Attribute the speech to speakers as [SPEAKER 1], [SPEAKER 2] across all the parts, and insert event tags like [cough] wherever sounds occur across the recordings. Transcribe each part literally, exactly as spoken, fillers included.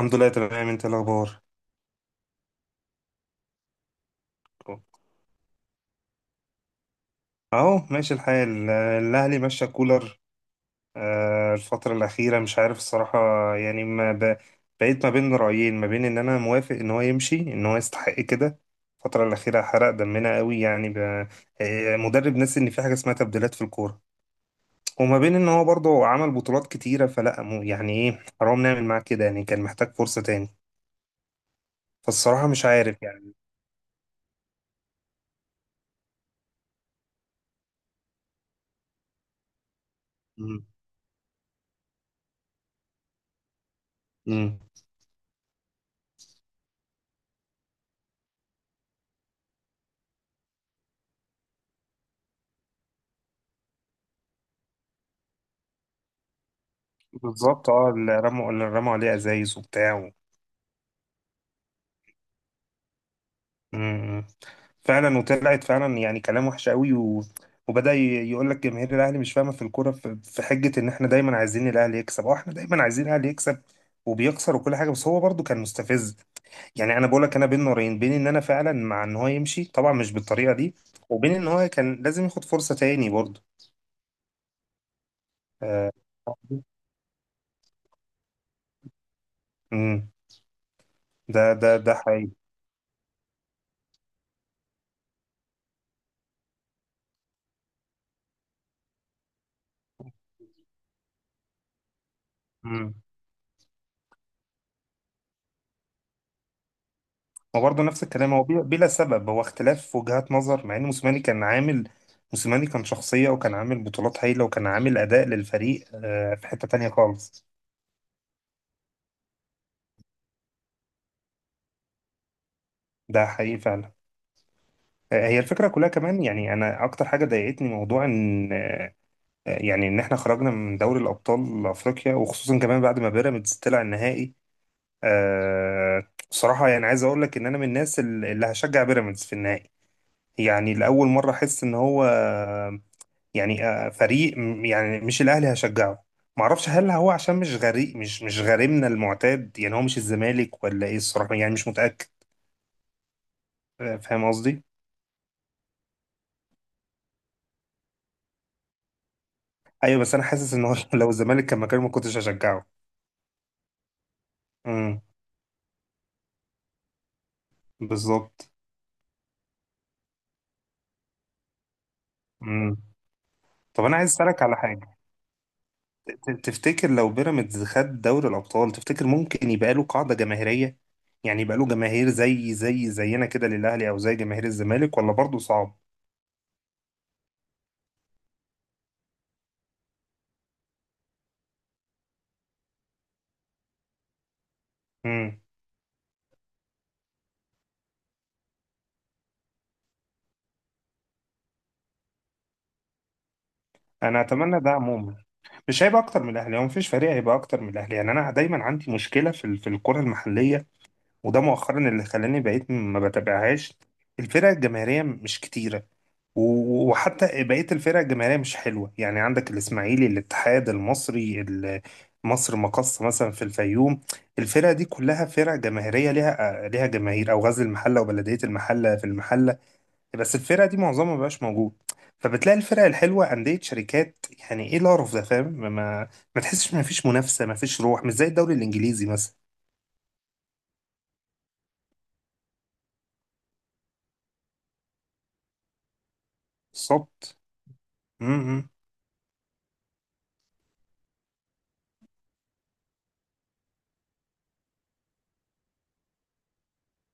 [SPEAKER 1] الحمد لله، تمام. انت إيه الاخبار؟ اهو ماشي الحال. آه، الاهلي ماشي كولر. آه، الفتره الاخيره مش عارف الصراحه. يعني ما ب... بقيت ما بين رايين، ما بين ان انا موافق ان هو يمشي، ان هو يستحق كده. الفتره الاخيره حرق دمنا قوي، يعني ب... آه، مدرب ناسي ان في حاجه اسمها تبديلات في الكوره. وما بين ان هو برضه عمل بطولات كتيره، فلا مو- يعني ايه، حرام نعمل معاه كده، يعني كان محتاج فرصه تاني. فالصراحه مش عارف يعني. مم. مم. بالظبط، اه، اللي رموا اللي رموا عليه ازايز وبتاع. مم. فعلا، وطلعت فعلا يعني كلام وحش قوي. و... وبدأ يقول لك جماهير الاهلي مش فاهمه في الكوره، في... في حجه ان احنا دايما عايزين الاهلي يكسب، اه، احنا دايما عايزين الاهلي يكسب وبيخسر وكل حاجه، بس هو برضو كان مستفز. يعني انا بقول لك انا بين نارين، بين ان انا فعلا مع ان هو يمشي، طبعا مش بالطريقه دي، وبين ان هو كان لازم ياخد فرصه تاني برضو. آه. مم. ده ده ده حقيقي. هو برضه نفس الكلام، هو بلا بلا سبب، هو اختلاف وجهات نظر، مع ان موسيماني كان عامل. موسيماني كان شخصية، وكان عامل بطولات هايلة، وكان عامل أداء للفريق آه، في حتة تانية خالص. ده حقيقي فعلا. آه، هي الفكرة كلها كمان، يعني أنا أكتر حاجة ضايقتني موضوع إن آه، يعني إن إحنا خرجنا من دوري الأبطال أفريقيا، وخصوصا كمان بعد ما بيراميدز طلع النهائي. آه، بصراحة يعني عايز أقول لك إن أنا من الناس اللي هشجع بيراميدز في النهائي. يعني لأول مرة أحس إن هو، يعني آه، فريق م- يعني مش الاهلي هشجعه. معرفش هل هو عشان مش غريب، مش مش غريمنا المعتاد، يعني هو مش الزمالك ولا ايه الصراحه، يعني مش متاكد. آه، فاهم قصدي. ايوه، بس انا حاسس ان هو [laughs] لو الزمالك كان مكانه ما كنتش هشجعه. امم. بالظبط. امم. طب انا عايز اسالك على حاجه. ت- ت- تفتكر لو بيراميدز خد دوري الابطال، تفتكر ممكن يبقى له قاعده جماهيريه؟ يعني يبقى له جماهير زي زي زينا كده للاهلي، او زي جماهير الزمالك، ولا برضه صعب؟ امم. انا اتمنى ده عموما. مش هيبقى اكتر من الاهلي، هو مفيش فريق هيبقى اكتر من الاهلي. يعني انا دايما عندي مشكله في ال- في الكره المحليه. وده مؤخرا اللي خلاني بقيت ما بتابعهاش. الفرق الجماهيريه مش كتيره. و- وحتى بقيه الفرق الجماهيريه مش حلوه، يعني عندك الاسماعيلي، الاتحاد المصري، ال- مصر مقص مثلا في الفيوم. الفرق دي كلها فرق جماهيريه، ليها ليها جماهير، او غزل المحله وبلديه المحله في المحله. بس الفرق دي معظمها مبقاش موجود. فبتلاقي الفرق الحلوه انديه شركات، يعني ايه القرف ده، فاهم؟ ما ما ما تحسش، ما فيش منافسه، ما فيش روح، مش زي الدوري الانجليزي مثلا. بالظبط. امم. امم.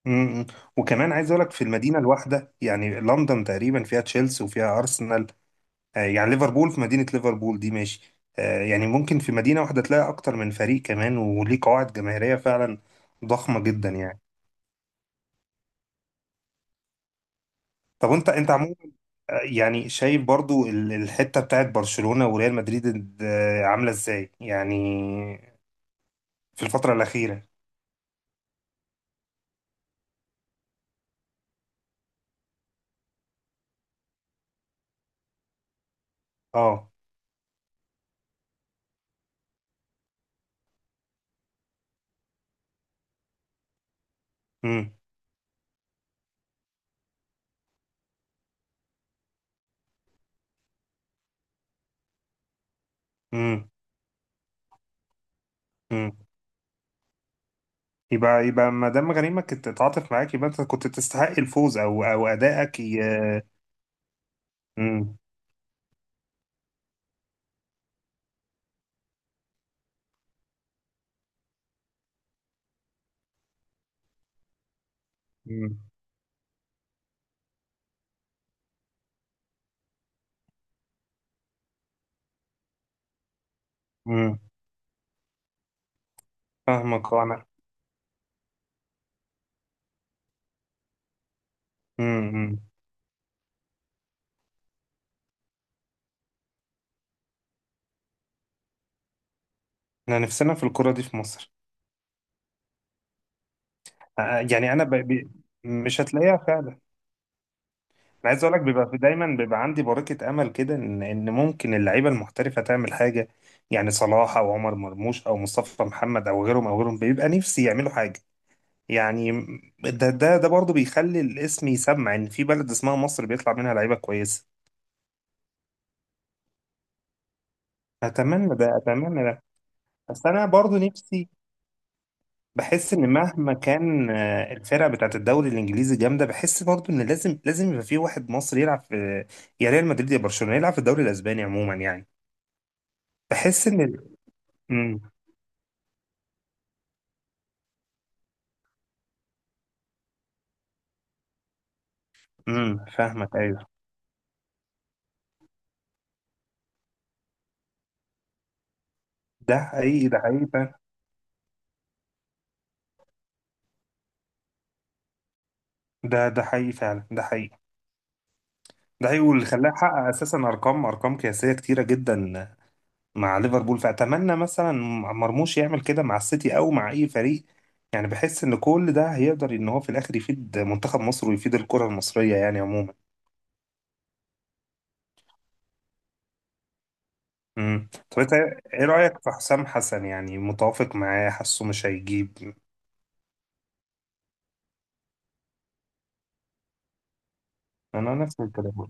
[SPEAKER 1] إمم، إمم. وكمان عايز اقول لك، في المدينه الواحده يعني لندن تقريبا فيها تشيلسي وفيها ارسنال. آه، يعني ليفربول في مدينه ليفربول دي ماشي. آه، يعني ممكن في مدينه واحده تلاقي اكتر من فريق كمان، وليه قواعد جماهيريه فعلا ضخمه جدا يعني. طب انت انت عموما، يعني شايف برضو ال- الحتة بتاعت برشلونة وريال مدريد ال- آه، عاملة ازاي يعني في الفترة الأخيرة. اه. امم. امم. امم. يبقى يبقى ما دام غريمك كنت تتعاطف معاك، يبقى انت كنت تستحق الفوز، او او ادائك. ي... امم. امم. امم. فاهمك. آه، انا. امم. امم. احنا نفسنا في الكرة دي في مصر. آه، يعني انا. ب... ب... مش هتلاقيها فعلا. انا عايز اقول لك، بيبقى في دايما بيبقى عندي بركه امل كده، ان ان ممكن اللعيبه المحترفه تعمل حاجه. يعني صلاح او عمر مرموش او مصطفى محمد او غيرهم او غيرهم، بيبقى نفسي يعملوا حاجه يعني، ده ده ده برضه بيخلي الاسم يسمع ان في بلد اسمها مصر بيطلع منها لعيبه كويسه. اتمنى ده، اتمنى ده. بس انا برضه نفسي بحس ان مهما كان آه، الفرقه بتاعت الدوري الانجليزي جامده، بحس برضه ان لازم لازم يبقى في واحد مصري يلعب في، يا ريال مدريد يا برشلونه، يلعب في الدوري الاسباني عموما يعني. بحس ان. امم. امم. فاهمك. ايوه، ده حقيقي، ده حقيقي فعلا. ده ده حقيقي فعلا، ده حقيقي. ده حقيقي، واللي خلاه يحقق اساسا ارقام ارقام قياسيه كتيره جدا مع ليفربول. فاتمنى مثلا مرموش يعمل كده مع السيتي او مع اي فريق. يعني بحس ان كل ده هيقدر ان هو في الاخر يفيد منتخب مصر، ويفيد الكره المصريه يعني عموما. امم. طب انت ايه رايك في حسام حسن؟ يعني متوافق معاه؟ حاسه مش هيجيب؟ انا نفس الكلام.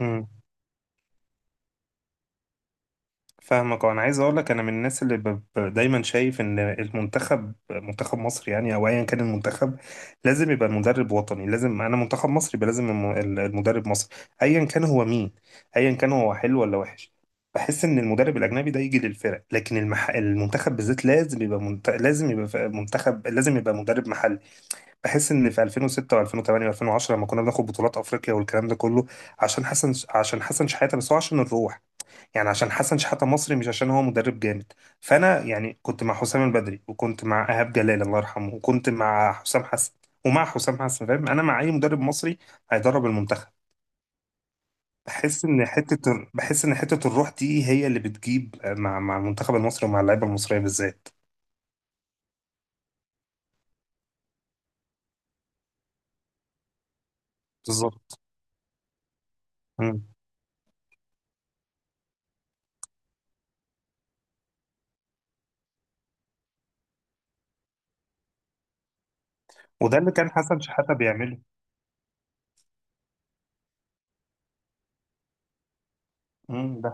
[SPEAKER 1] امم. فاهمك. آه، انا عايز اقول لك، انا من الناس اللي ب... ب- دايما شايف ان المنتخب منتخب مصر، يعني او ايا كان المنتخب، لازم يبقى المدرب وطني. لازم انا منتخب مصر يبقى لازم الم... ال- المدرب مصري، ايا كان هو مين، ايا كان هو حلو ولا وحش. بحس ان المدرب الاجنبي ده يجي للفرق، لكن المح... المنتخب بالذات لازم يبقى منت... لازم يبقى ف- منتخب لازم يبقى مدرب محلي. بحس ان في ألفين وستة و2008 و2010 لما كنا بناخد بطولات افريقيا والكلام ده كله، عشان حسن عشان حسن شحاته، بس هو عشان الروح. يعني عشان حسن شحاتة مصري، مش عشان هو مدرب جامد. فانا يعني كنت مع حسام البدري، وكنت مع ايهاب جلال الله يرحمه، وكنت مع حسام حسن، ومع حسام حسن فاهم، انا مع اي مدرب مصري هيدرب المنتخب. بحس ان حته ال- بحس ان حته الروح دي هي اللي بتجيب آه، مع مع المنتخب المصري ومع اللعيبه المصريه بالذات. بالظبط. مم. وده اللي كان حسن شحاتة بيعمله. مم. ده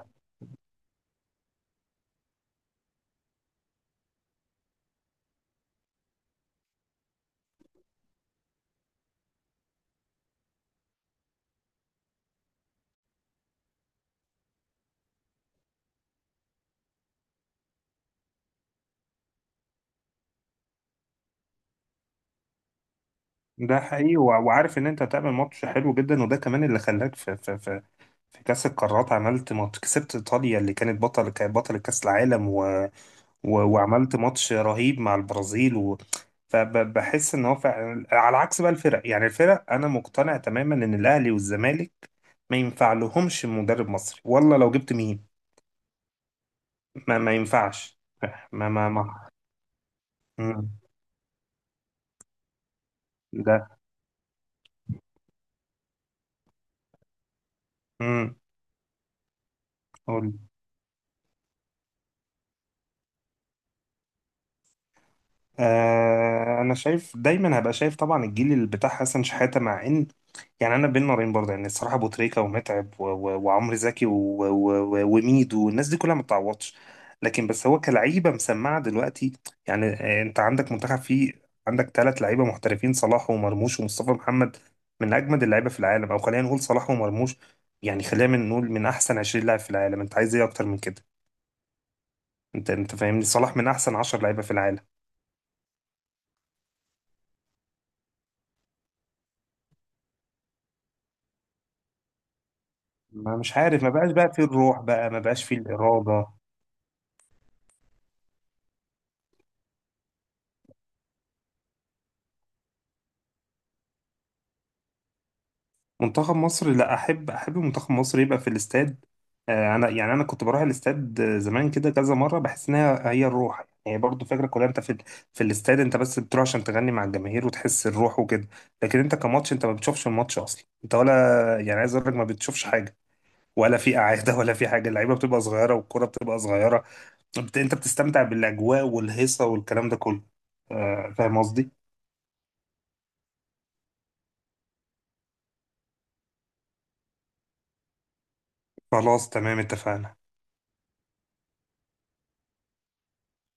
[SPEAKER 1] ده حقيقي، وع- وعارف ان انت هتعمل ماتش حلو جدا، وده كمان اللي خلاك في, في, في في كأس القارات. عملت ماتش، كسبت إيطاليا اللي كانت بطل كانت بطل كأس العالم. و... و... وعملت ماتش رهيب مع البرازيل. و... فبحس ان هو فعلا على عكس بقى الفرق، يعني الفرق انا مقتنع تماما ان الاهلي والزمالك ما ينفع لهمش مدرب مصري، والله لو جبت مين ما ما ينفعش. ما ما ما مم. ده. امم. آه، انا شايف دايما، هبقى شايف طبعا الجيل اللي بتاع حسن شحاته، مع ان، يعني انا بين نارين برضه يعني الصراحه، ابو تريكه ومتعب و- و- وعمرو زكي و- و- و- وميدو والناس دي كلها ما بتعوضش. لكن بس هو كلعيبه مسمعه دلوقتي، يعني آه، انت عندك منتخب فيه، عندك ثلاث لعيبه محترفين، صلاح ومرموش ومصطفى محمد، من اجمد اللعيبه في العالم. او خلينا نقول صلاح ومرموش، يعني خلينا من نقول من احسن 20 لاعب في العالم. انت عايز ايه اكتر من كده؟ انت انت فاهمني، صلاح من احسن 10 لعيبه في العالم. ما مش عارف، ما بقاش بقى فيه الروح بقى، ما بقاش فيه الإرادة. منتخب مصر، لا، أحب أحب منتخب مصر يبقى في الاستاد. آه، أنا يعني أنا كنت بروح الاستاد زمان كده كذا مرة، بحس إنها هي الروح يعني. هي برضو فكرة كلها، أنت في في الاستاد أنت بس بتروح عشان تغني مع الجماهير وتحس الروح وكده. لكن أنت كماتش، أنت ما بتشوفش الماتش أصلا، أنت ولا، يعني عايز أقول لك ما بتشوفش حاجة. ولا في قعادة ولا في حاجة، اللعيبة بتبقى صغيرة والكرة بتبقى صغيرة. بت- أنت بتستمتع بالأجواء والهيصة والكلام ده كله. آه، فاهم قصدي؟ خلاص، تمام، اتفقنا.